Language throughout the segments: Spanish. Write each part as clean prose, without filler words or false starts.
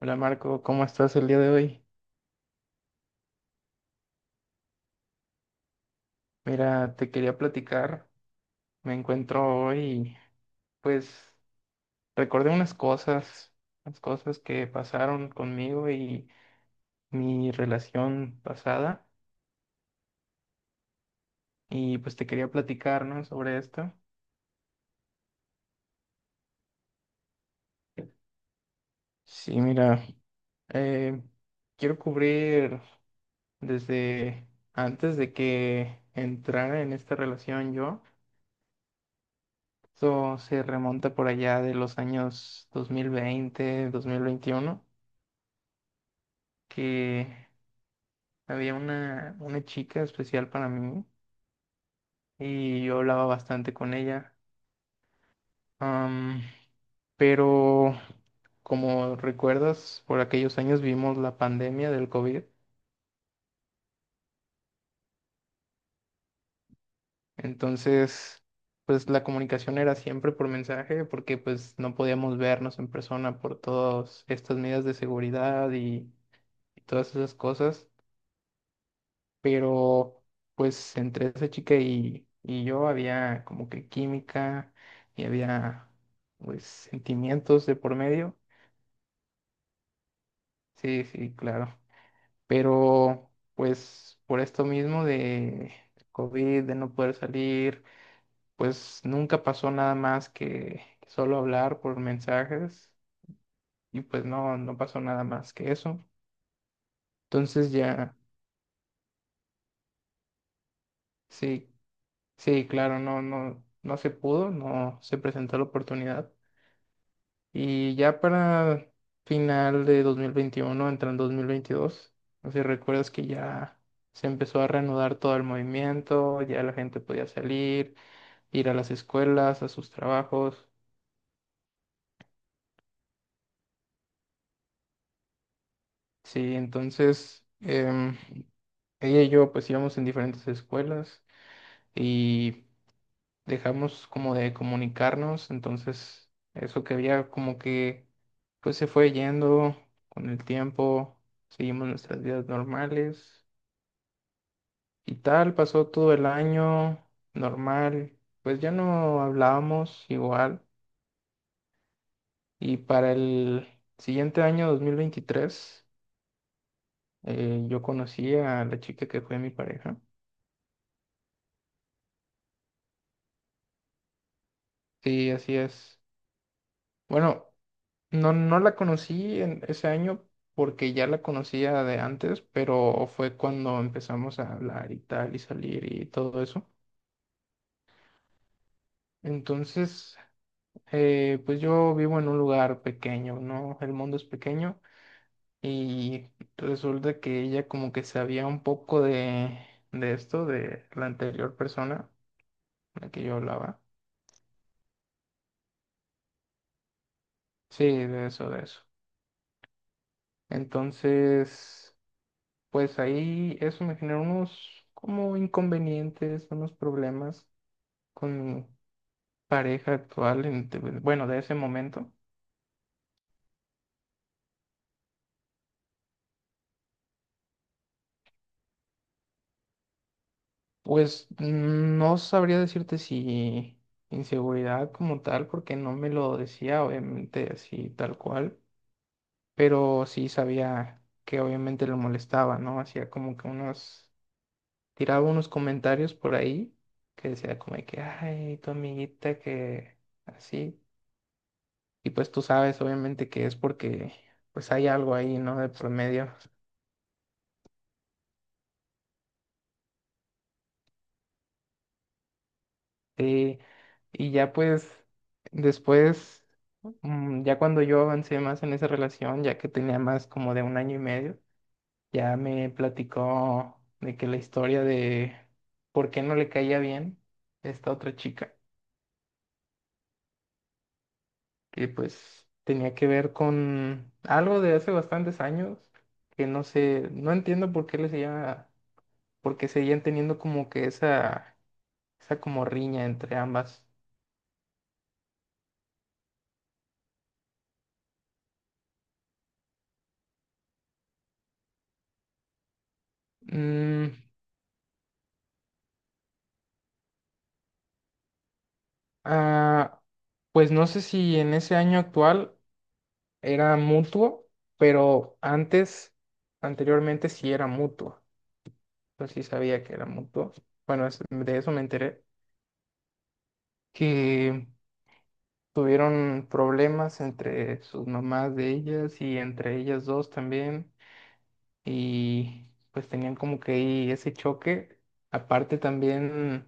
Hola Marco, ¿cómo estás el día de hoy? Mira, te quería platicar. Me encuentro hoy, pues recordé unas cosas que pasaron conmigo y mi relación pasada. Y pues te quería platicar, ¿no? Sobre esto. Sí, mira, eh, quiero cubrir desde antes de que entrara en esta relación yo. Esto se remonta por allá de los años 2020, 2021. Que había una chica especial para mí y yo hablaba bastante con ella. Am, pero como recuerdas, por aquellos años vimos la pandemia del COVID, entonces pues la comunicación era siempre por mensaje porque pues no podíamos vernos en persona por todas estas medidas de seguridad y todas esas cosas. Pero pues entre esa chica y yo había como que química y había pues sentimientos de por medio. Sí, sí, claro. Pero pues por esto mismo de COVID, de no poder salir, pues nunca pasó nada más que solo hablar por mensajes y pues no, no pasó nada más que eso. Entonces ya, sí, sí, claro, no, no, no se pudo, no se presentó la oportunidad. Y ya para final de 2021, entrando en 2022, no sé si recuerdas que ya se empezó a reanudar todo el movimiento, ya la gente podía salir, ir a las escuelas, a sus trabajos. Sí, entonces ella y yo pues íbamos en diferentes escuelas y dejamos como de comunicarnos, entonces eso que había como que pues se fue yendo con el tiempo, seguimos nuestras vidas normales. Y tal, pasó todo el año normal, pues ya no hablábamos igual. Y para el siguiente año, 2023, yo conocí a la chica que fue mi pareja. Sí, así es. Bueno, no, no la conocí en ese año porque ya la conocía de antes, pero fue cuando empezamos a hablar y tal y salir y todo eso. Entonces, pues yo vivo en un lugar pequeño, ¿no? El mundo es pequeño. Y resulta que ella como que sabía un poco de esto, de la anterior persona con la que yo hablaba. Sí, de eso, de eso. Entonces, pues ahí eso me generó unos como inconvenientes, unos problemas con mi pareja actual, en- de- bueno, de ese momento. Pues no sabría decirte si inseguridad como tal, porque no me lo decía, obviamente, así tal cual, pero sí sabía que obviamente lo molestaba, ¿no? Hacía como que unos, tiraba unos comentarios por ahí que decía como de que, ay, tu amiguita que así. Y pues tú sabes, obviamente, que es porque pues hay algo ahí, ¿no? De promedio. Sí. Y ya pues después, ya cuando yo avancé más en esa relación, ya que tenía más como de un año y medio, ya me platicó de que la historia de por qué no le caía bien esta otra chica, que pues tenía que ver con algo de hace bastantes años, que no sé, no entiendo por qué le seguía, por qué seguían teniendo como que esa como riña entre ambas. Mm, ah, pues no sé si en ese año actual era mutuo, pero antes, anteriormente sí era mutuo. Pues sí sabía que era mutuo. Bueno, es- de eso me enteré, que tuvieron problemas entre sus mamás de ellas y entre ellas dos también, y pues tenían como que ahí ese choque. Aparte también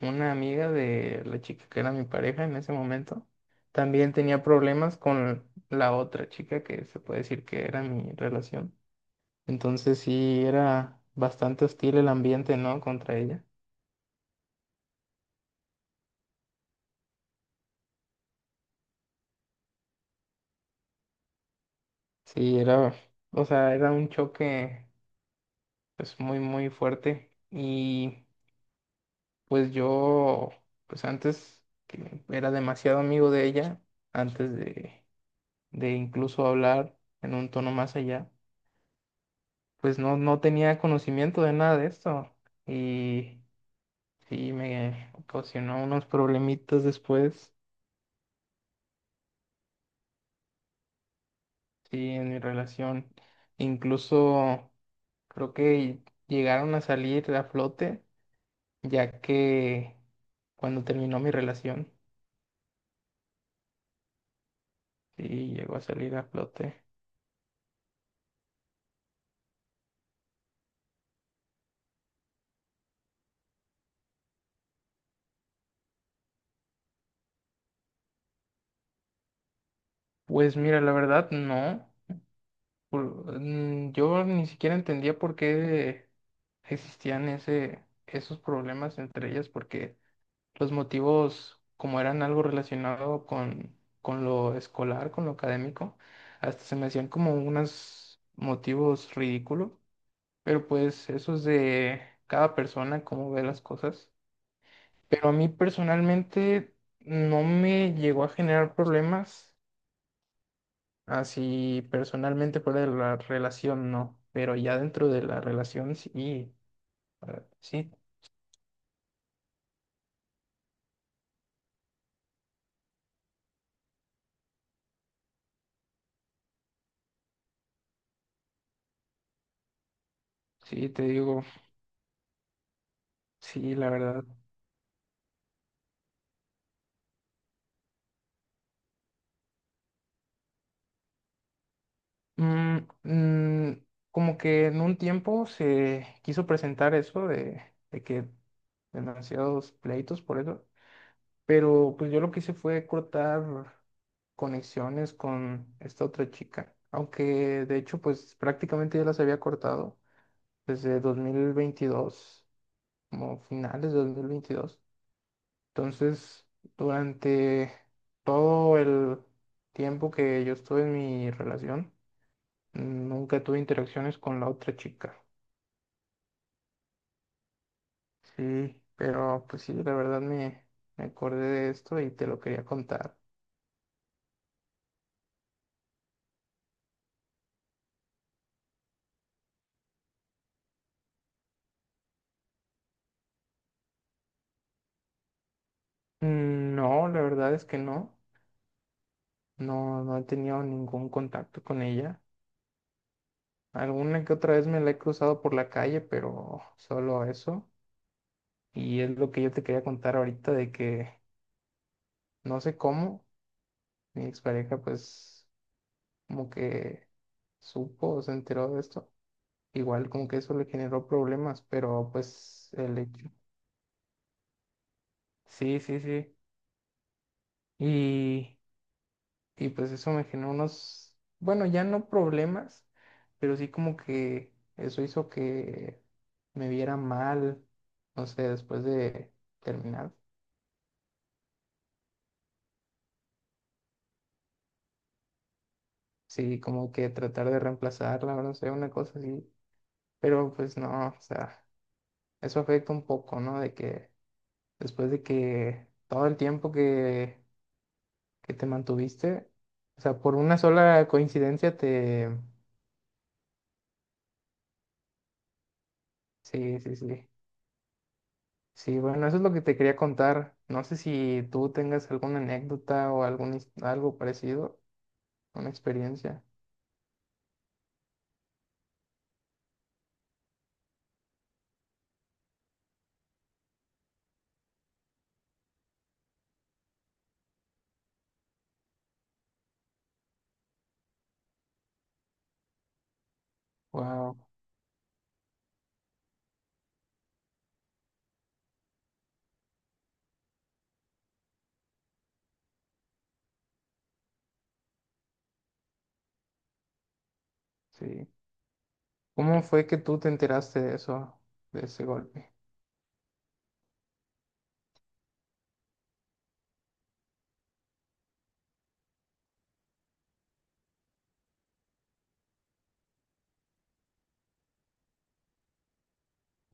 una amiga de la chica que era mi pareja en ese momento, también tenía problemas con la otra chica que se puede decir que era mi relación. Entonces sí era bastante hostil el ambiente, ¿no? Contra ella. Sí, era, o sea, era un choque pues muy muy fuerte y pues yo pues antes que era demasiado amigo de ella, antes de incluso hablar en un tono más allá, pues no tenía conocimiento de nada de esto y sí me ocasionó unos problemitas después, sí, en mi relación, incluso creo que llegaron a salir a flote ya que cuando terminó mi relación y llegó a salir a flote. Pues mira, la verdad, no. Por- yo ni siquiera entendía por qué existían esos problemas entre ellas, porque los motivos, como eran algo relacionado con lo escolar, con lo académico, hasta se me hacían como unos motivos ridículos, pero pues eso es de cada persona, cómo ve las cosas. Pero a mí personalmente no me llegó a generar problemas, así personalmente fuera de la relación no, pero ya dentro de la relación sí, ah, sí, sí, te digo, sí, la verdad. Mm, mm, como que en un tiempo se quiso presentar eso de que demasiados pleitos por eso. Pero pues yo lo que hice fue cortar conexiones con esta otra chica. Aunque de hecho pues prácticamente ya las había cortado desde 2022, como finales de 2022. Entonces, durante todo el tiempo que yo estuve en mi relación, nunca tuve interacciones con la otra chica. Sí, pero pues sí, la verdad me acordé de esto y te lo quería contar. No, la verdad es que no. No, no he tenido ningún contacto con ella. Alguna que otra vez me la he cruzado por la calle, pero solo eso. Y es lo que yo te quería contar ahorita de que no sé cómo mi expareja pues como que supo o se enteró de esto. Igual como que eso le generó problemas, pero pues el hecho. Sí, sí, sí. Y Y pues eso me generó unos, bueno, ya no problemas, pero sí como que eso hizo que me viera mal, no sé, después de terminar. Sí, como que tratar de reemplazarla, no sé, una cosa así. Pero pues no, o sea, eso afecta un poco, ¿no? De que después de que todo el tiempo que te mantuviste, o sea, por una sola coincidencia te... Sí, sí, sí. Sí, bueno, eso es lo que te quería contar. No sé si tú tengas alguna anécdota o algún, his- algo parecido, una experiencia. Wow, sí. ¿Cómo fue que tú te enteraste de eso, de ese golpe?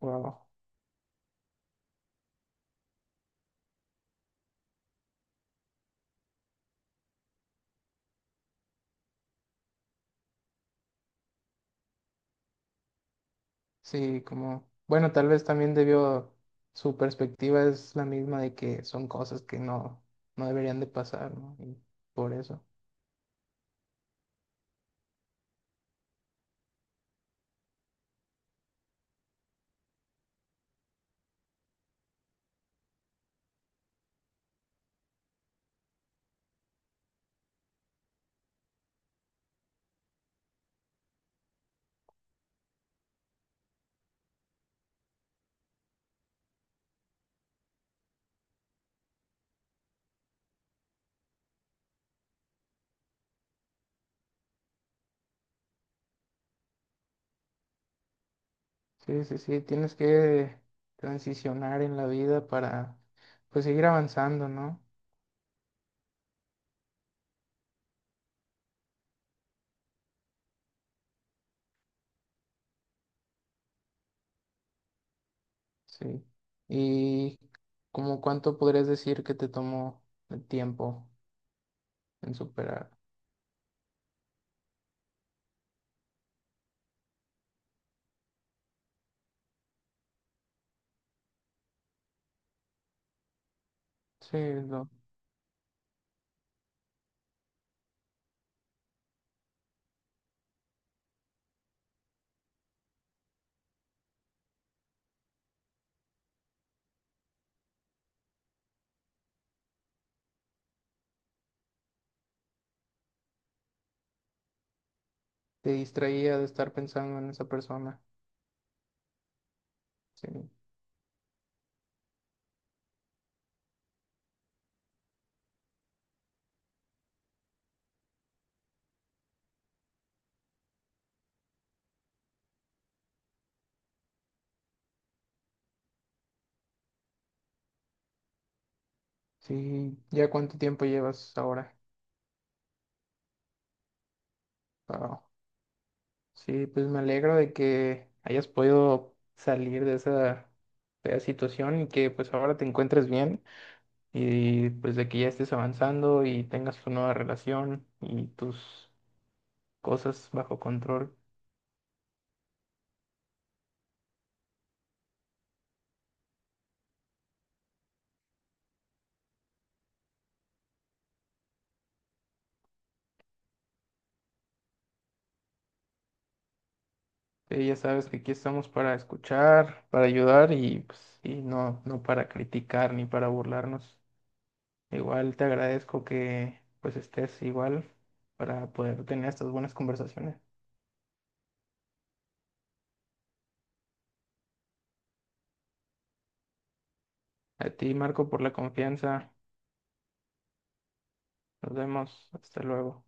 Wow, sí, como, bueno, tal vez también debió, su perspectiva es la misma de que son cosas que no, no deberían de pasar, ¿no? Y por eso. Sí, sí, sí, tienes que transicionar en la vida para, pues, seguir avanzando, ¿no? Sí. ¿Y como cuánto podrías decir que te tomó el tiempo en superar? Sí, lo, te distraía de estar pensando en esa persona. Sí. Sí, ¿ya cuánto tiempo llevas ahora? Wao. Sí, pues me alegro de que hayas podido salir de esa fea situación y que pues ahora te encuentres bien y pues de que ya estés avanzando y tengas tu nueva relación y tus cosas bajo control. Sí, ya sabes que aquí estamos para escuchar, para ayudar y, pues, y no, no para criticar ni para burlarnos. Igual te agradezco que pues estés igual para poder tener estas buenas conversaciones. A ti, Marco, por la confianza. Nos vemos. Hasta luego.